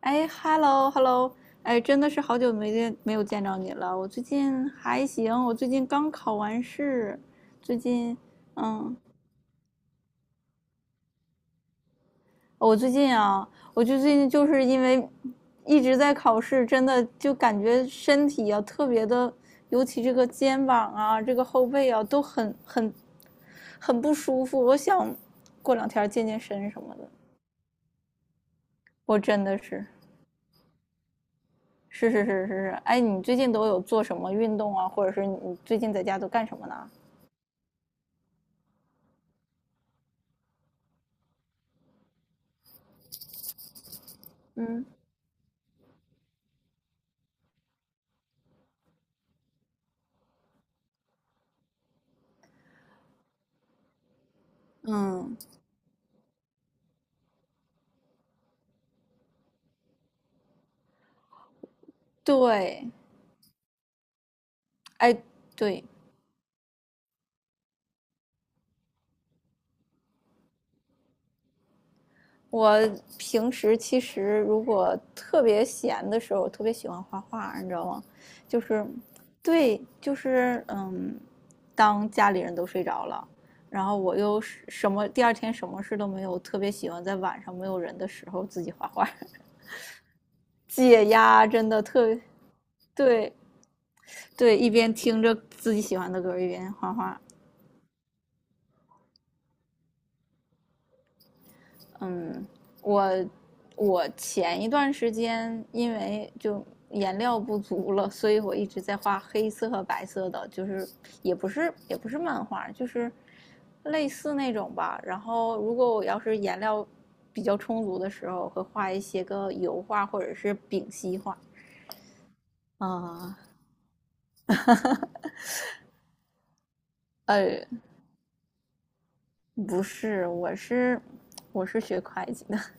哎，hello，hello，哎，真的是好久没见，没有见着你了。我最近还行，我最近刚考完试，最近，嗯，我最近啊，我最近就是因为一直在考试，真的就感觉身体啊特别的，尤其这个肩膀啊，这个后背啊都很不舒服。我想过两天健健身什么的，我真的是。是是是是是，哎，你最近都有做什么运动啊，或者是你最近在家都干什么呢？嗯嗯，对，哎，对，我平时其实如果特别闲的时候，我特别喜欢画画，你知道吗？就是，对，就是,当家里人都睡着了，然后我又是什么第二天什么事都没有，我特别喜欢在晚上没有人的时候自己画画，解压，真的特别对。对，一边听着自己喜欢的歌，一边画画。嗯，我我前一段时间因为就颜料不足了，所以我一直在画黑色和白色的，就是也不是漫画，就是类似那种吧。然后如果我要是颜料比较充足的时候，会画一些个油画或者是丙烯画。啊、呃，呃不是，我是学会计的，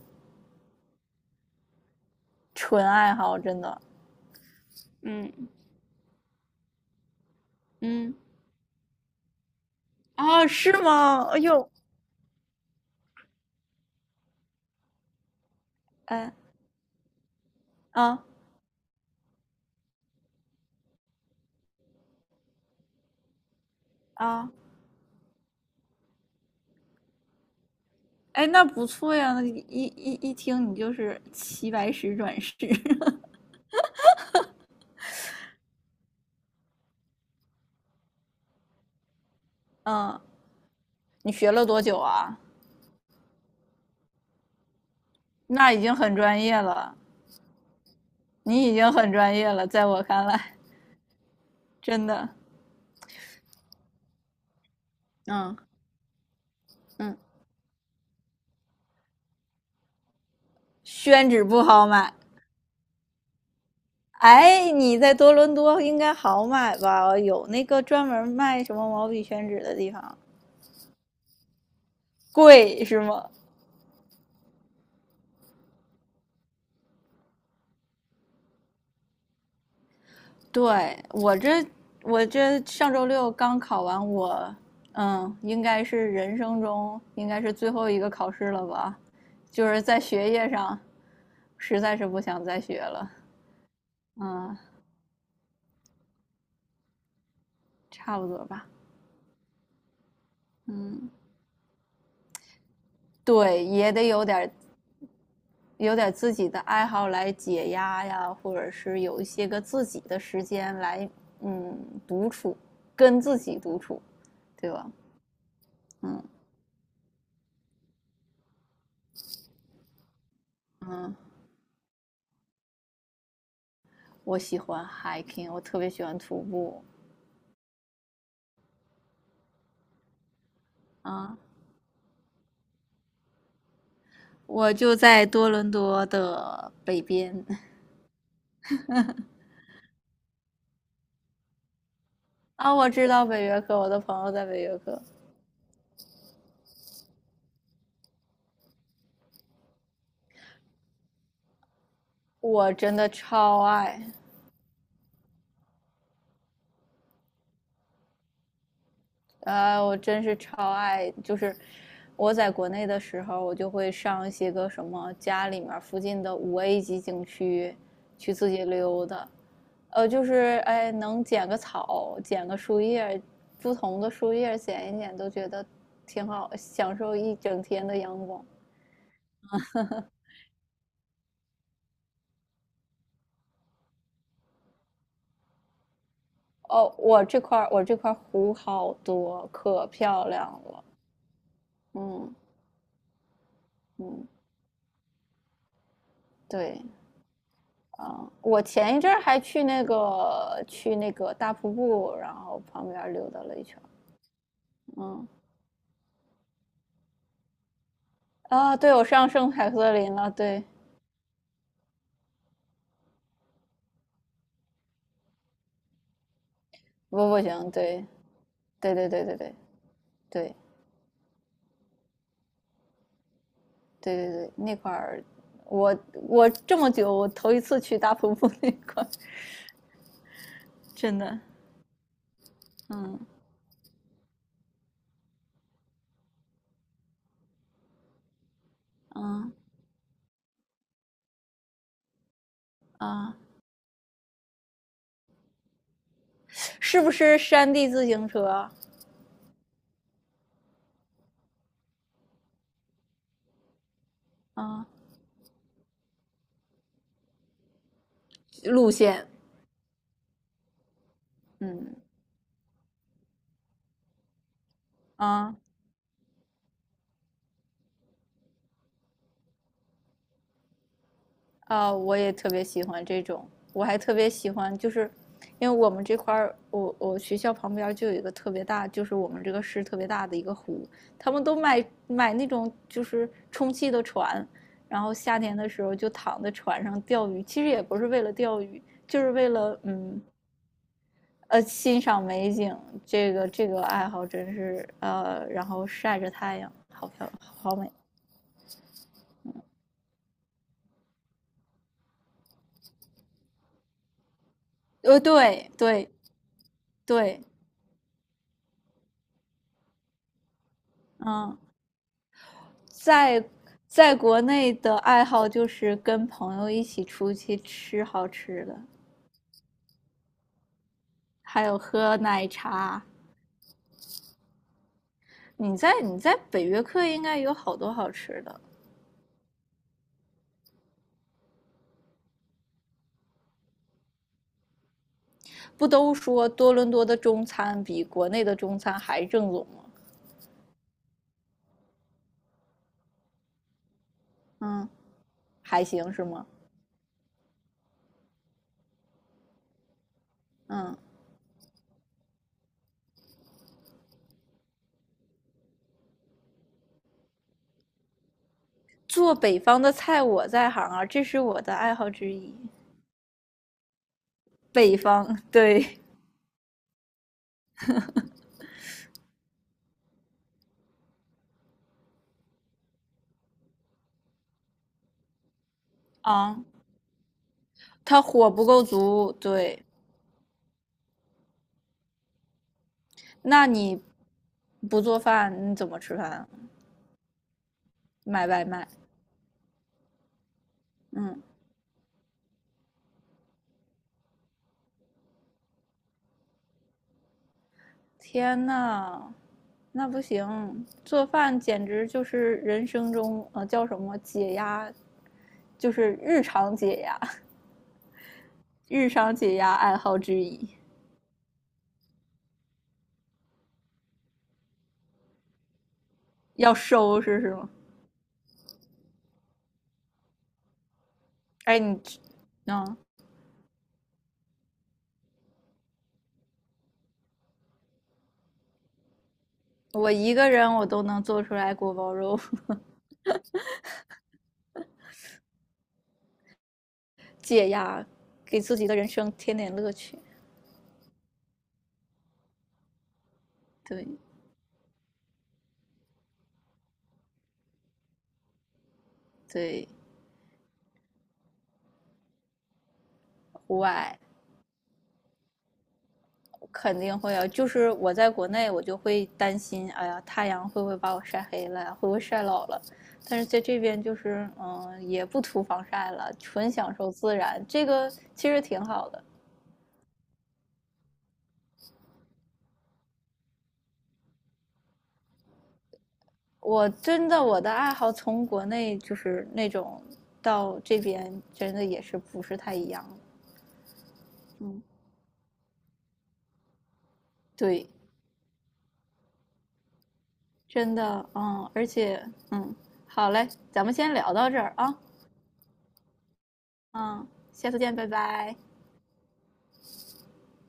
纯爱好，真的。嗯，嗯，啊，是吗？哎呦，哎，啊啊，哎，那不错呀，那一听你就是齐白石转世，嗯，你学了多久啊？那已经很专业了，你已经很专业了，在我看来，真的，嗯嗯，宣纸不好买，哎，你在多伦多应该好买吧？有那个专门卖什么毛笔宣纸的地方，贵是吗？对，我这上周六刚考完我，嗯，应该是人生中应该是最后一个考试了吧？就是在学业上实在是不想再学了，嗯，差不多吧，嗯，对，也得有点有点自己的爱好来解压呀，或者是有一些个自己的时间来，嗯，独处，跟自己独处，对吧？嗯嗯，我喜欢 hiking，我特别喜欢徒步啊。嗯我就在多伦多的北边啊，我知道北约克，我的朋友在北约克，我真的超爱，啊，我真是超爱。就是我在国内的时候，我就会上一些个什么家里面附近的五 A 级景区去自己溜达，就是哎，能捡个草，捡个树叶，不同的树叶捡一捡，都觉得挺好，享受一整天的阳光。哦，我这块湖好多，可漂亮了。嗯嗯，对啊、我前一阵儿还去那个大瀑布，然后旁边溜达了一圈嗯啊，对，我上圣凯瑟琳了。对，不不行，对对对对对对对对对对，那块儿我我这么久我头一次去大瀑布那块儿，真的，嗯嗯啊，是不是山地自行车啊啊路线？嗯啊啊，我也特别喜欢这种，我还特别喜欢，就是因为我们这块儿，我学校旁边儿就有一个特别大，就是我们这个市特别大的一个湖，他们都买那种就是充气的船，然后夏天的时候就躺在船上钓鱼，其实也不是为了钓鱼，就是为了嗯欣赏美景，这个爱好真是然后晒着太阳，好漂亮好美，对对对，嗯。在在国内的爱好就是跟朋友一起出去吃好吃的，还有喝奶茶。你在北约克应该有好多好吃的，不都说多伦多的中餐比国内的中餐还正宗吗？嗯，还行是吗？嗯，做北方的菜我在行啊，这是我的爱好之一。北方，对啊，它火不够足，对。那你不做饭，你怎么吃饭啊？买外卖。嗯，天呐，那不行，做饭简直就是人生中叫什么解压，就是日常解压，日常解压爱好之一。要收拾是吗？哎，你，嗯，我一个人我都能做出来锅包肉解压，给自己的人生添点乐趣。对对，户外肯定会啊，就是我在国内，我就会担心，哎呀，太阳会不会把我晒黑了呀？会不会晒老了？但是在这边就是，嗯，也不涂防晒了，纯享受自然，这个其实挺好的。我真的我的爱好从国内就是那种到这边，真的也是不是太一样。嗯，对，真的，嗯，而且，嗯，好嘞，咱们先聊到这儿啊，嗯，下次见，拜拜。